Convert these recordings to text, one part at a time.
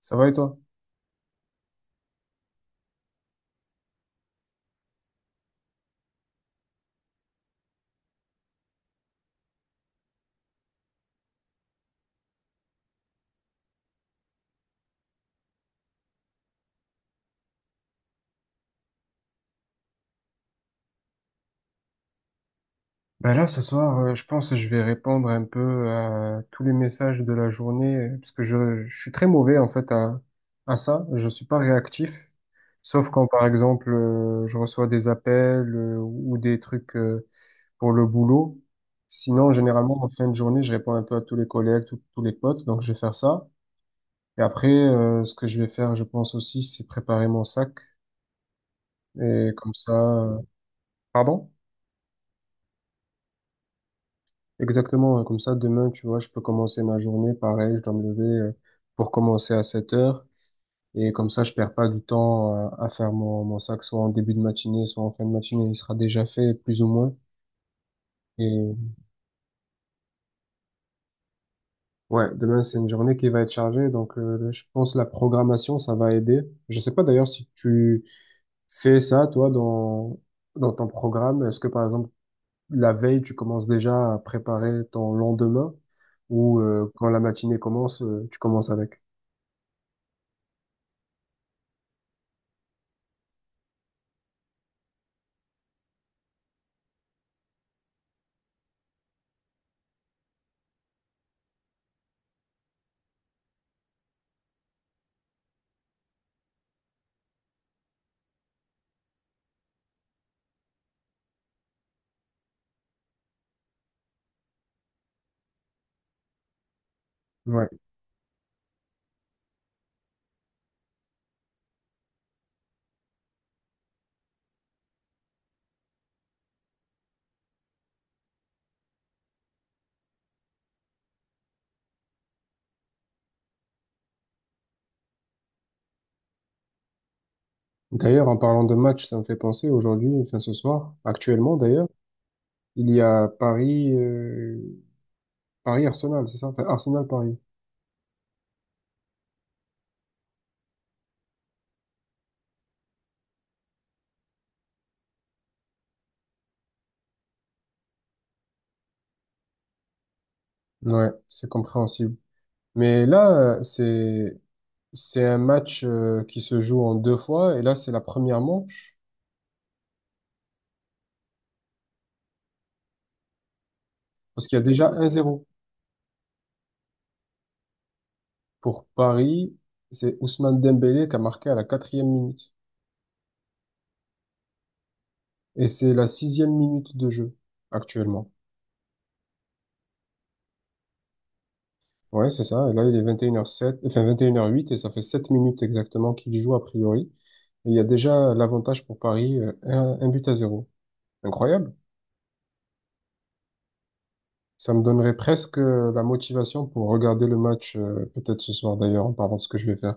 Ça va et toi? Ben là, ce soir, je pense que je vais répondre un peu à tous les messages de la journée, parce que je suis très mauvais en fait à ça. Je suis pas réactif, sauf quand par exemple je reçois des appels ou des trucs pour le boulot. Sinon, généralement en fin de journée, je réponds un peu à tous les collègues, tous les potes, donc je vais faire ça. Et après, ce que je vais faire, je pense aussi, c'est préparer mon sac. Et comme ça, euh, pardon? Exactement, hein, comme ça, demain, tu vois, je peux commencer ma journée, pareil, je dois me lever pour commencer à 7 heures, et comme ça, je perds pas du temps à faire mon sac, soit en début de matinée, soit en fin de matinée, il sera déjà fait, plus ou moins, et ouais, demain, c'est une journée qui va être chargée, donc je pense la programmation, ça va aider. Je sais pas d'ailleurs si tu fais ça, toi, dans ton programme, est-ce que, par exemple, la veille, tu commences déjà à préparer ton lendemain, ou quand la matinée commence, tu commences avec? Ouais. D'ailleurs, en parlant de match, ça me fait penser aujourd'hui, enfin ce soir, actuellement d'ailleurs, il y a Paris, Paris-Arsenal, c'est ça? Enfin, Arsenal-Paris. Ouais, c'est compréhensible. Mais là, c'est un match qui se joue en deux fois, et là, c'est la première manche, parce qu'il y a déjà un zéro. Pour Paris, c'est Ousmane Dembélé qui a marqué à la 4e minute. Et c'est la 6e minute de jeu, actuellement. Ouais, c'est ça. Et là, il est 21h07, enfin 21h08 et ça fait 7 minutes exactement qu'il y joue a priori. Et il y a déjà l'avantage pour Paris, un but à zéro. Incroyable. Ça me donnerait presque la motivation pour regarder le match, peut-être ce soir d'ailleurs, en parlant de ce que je vais faire.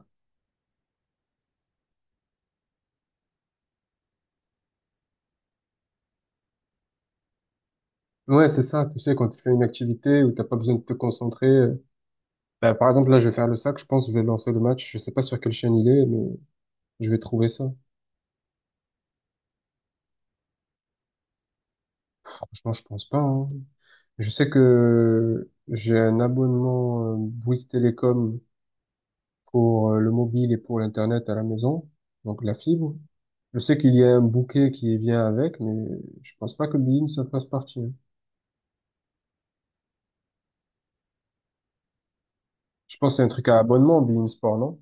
Ouais, c'est ça. Tu sais, quand tu fais une activité où t'as pas besoin de te concentrer. Bah, par exemple, là, je vais faire le sac. Je pense que je vais lancer le match. Je sais pas sur quelle chaîne il est, mais je vais trouver ça. Franchement, je pense pas, hein. Je sais que j'ai un abonnement Bouygues Télécom pour le mobile et pour l'Internet à la maison, donc la fibre. Je sais qu'il y a un bouquet qui vient avec, mais je pense pas que Bein ça fasse partie, hein. Je pense que c'est un truc à abonnement, Bein Sport, non?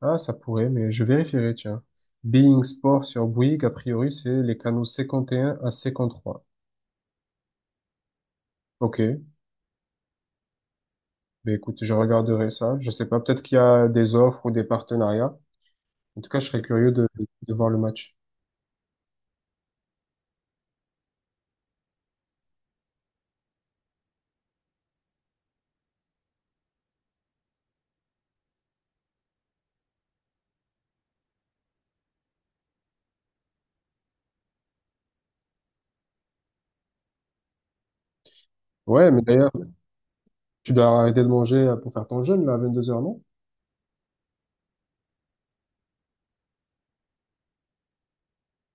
Ah, ça pourrait, mais je vérifierai, tiens. Bein Sport sur Bouygues, a priori, c'est les canaux 51 à 53. Ok, ben écoute, je regarderai ça. Je sais pas, peut-être qu'il y a des offres ou des partenariats. En tout cas, je serais curieux de voir le match. Ouais, mais d'ailleurs, tu dois arrêter de manger pour faire ton jeûne, là, à 22 heures, non?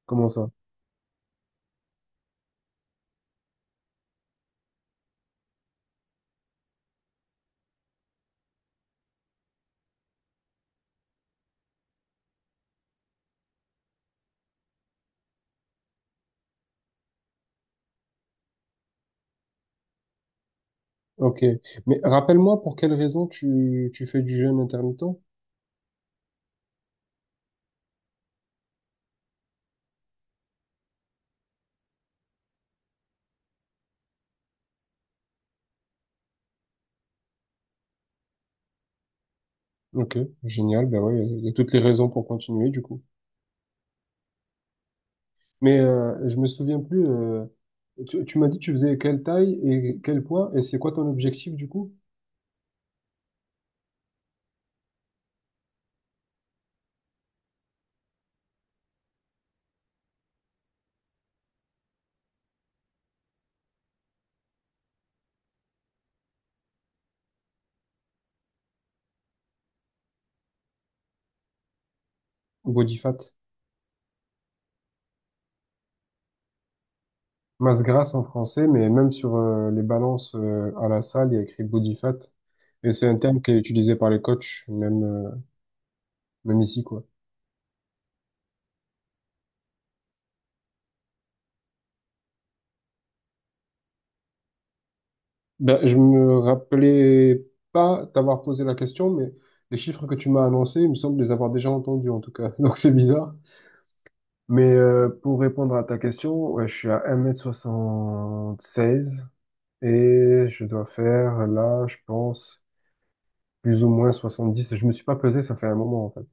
Comment ça? Ok. Mais rappelle-moi pour quelle raison tu fais du jeûne intermittent? Ok, génial. Ben ouais, il y a toutes les raisons pour continuer du coup. Mais je me souviens plus. Tu m'as dit tu faisais quelle taille et quel poids et c'est quoi ton objectif du coup? Body fat. Masse grasse en français, mais même sur les balances à la salle, il y a écrit body fat. Et c'est un terme qui est utilisé par les coachs, même, même ici, quoi. Ben, je me rappelais pas t'avoir posé la question, mais les chiffres que tu m'as annoncés, il me semble les avoir déjà entendus en tout cas. Donc c'est bizarre. Mais pour répondre à ta question, ouais, je suis à 1m76 et je dois faire là, je pense, plus ou moins 70. Je me suis pas pesé, ça fait un moment en fait.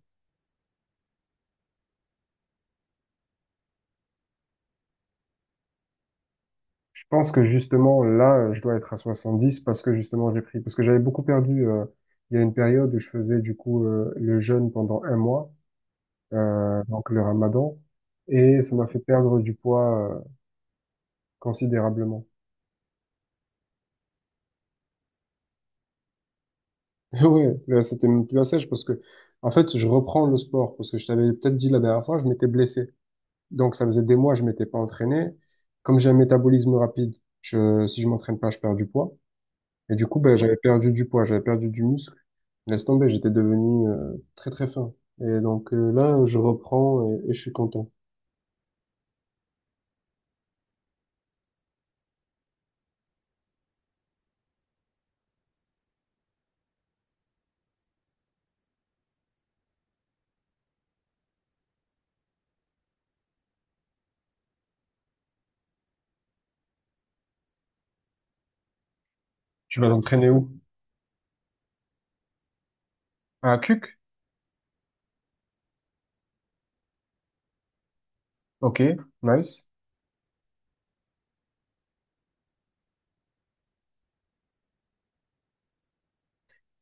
Je pense que justement là, je dois être à 70 parce que justement j'ai pris, parce que j'avais beaucoup perdu. Il y a une période où je faisais du coup le jeûne pendant 1 mois. Donc le ramadan, et ça m'a fait perdre du poids considérablement. Ouais, là c'était même plus la sèche parce que, en fait, je reprends le sport parce que je t'avais peut-être dit la dernière fois, je m'étais blessé. Donc ça faisait des mois, je m'étais pas entraîné. Comme j'ai un métabolisme rapide, si je m'entraîne pas, je perds du poids. Et du coup, ben, j'avais perdu du poids, j'avais perdu du muscle. Laisse tomber, j'étais devenu très très fin. Et donc là, je reprends et je suis content. Tu vas t'entraîner où? À Cuc? Ok, nice.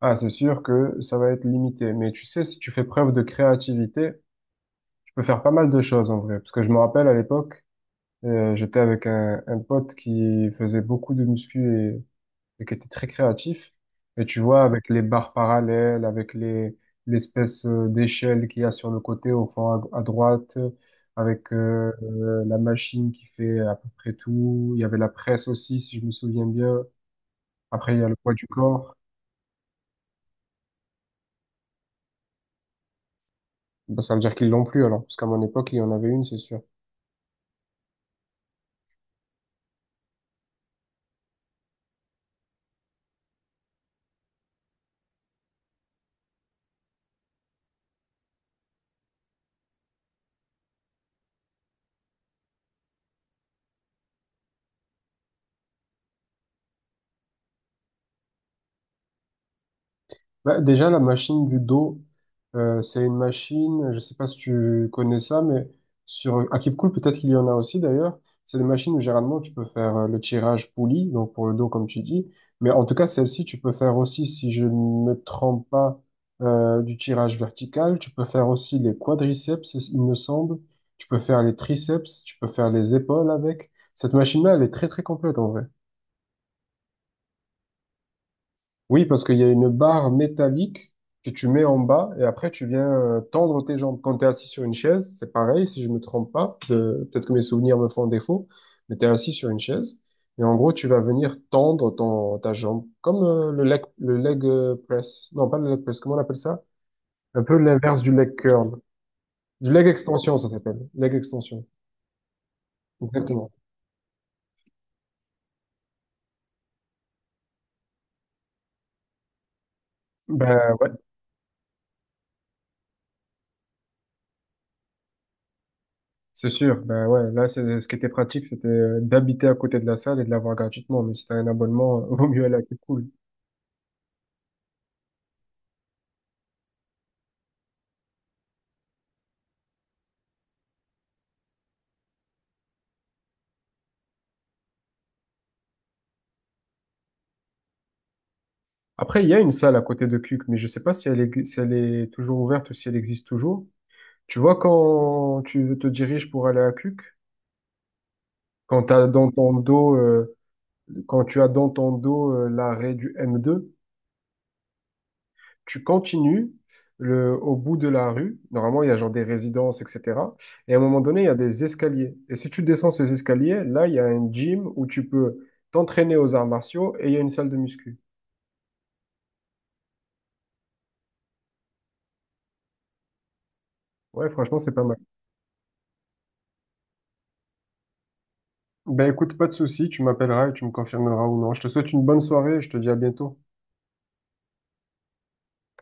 Ah, c'est sûr que ça va être limité. Mais tu sais, si tu fais preuve de créativité, tu peux faire pas mal de choses en vrai. Parce que je me rappelle à l'époque, j'étais avec un pote qui faisait beaucoup de muscu et qui était très créatif. Et tu vois, avec les barres parallèles, avec les l'espèce d'échelle qu'il y a sur le côté au fond à droite, avec la machine qui fait à peu près tout. Il y avait la presse aussi, si je me souviens bien. Après, il y a le poids du corps. Bah, ça veut dire qu'ils l'ont plus alors, parce qu'à mon époque, il y en avait une, c'est sûr. Bah, déjà, la machine du dos, c'est une machine, je sais pas si tu connais ça, mais sur à Keepcool, peut-être qu'il y en a aussi d'ailleurs. C'est des machines où généralement tu peux faire le tirage poulie, donc pour le dos comme tu dis. Mais en tout cas, celle-ci, tu peux faire aussi, si je ne me trompe pas, du tirage vertical. Tu peux faire aussi les quadriceps, il me semble. Tu peux faire les triceps, tu peux faire les épaules avec. Cette machine-là, elle est très très complète en vrai. Oui, parce qu'il y a une barre métallique que tu mets en bas et après tu viens tendre tes jambes. Quand tu es assis sur une chaise, c'est pareil, si je me trompe pas, peut-être que mes souvenirs me font défaut, mais tu es assis sur une chaise et en gros tu vas venir tendre ta jambe, comme le leg press. Non, pas le leg press, comment on appelle ça? Un peu l'inverse du leg curl. Du leg extension, ça s'appelle. Leg extension. Exactement. Ben ouais. C'est sûr, ben ouais, là, ce qui était pratique, c'était d'habiter à côté de la salle et de l'avoir gratuitement. Mais si t'as un abonnement, vaut mieux aller à Cuc Cool. Après, il y a une salle à côté de Cuc, mais je sais pas si elle est, si elle est toujours ouverte ou si elle existe toujours. Tu vois, quand tu te diriges pour aller à Cuc, quand t'as dans ton dos, quand tu as dans ton dos, l'arrêt du M2. Tu continues le, au bout de la rue. Normalement, il y a genre des résidences, etc. Et à un moment donné, il y a des escaliers. Et si tu descends ces escaliers, là, il y a un gym où tu peux t'entraîner aux arts martiaux et il y a une salle de muscu. Ouais, franchement, c'est pas mal. Ben écoute, pas de souci, tu m'appelleras et tu me confirmeras ou non. Je te souhaite une bonne soirée et je te dis à bientôt.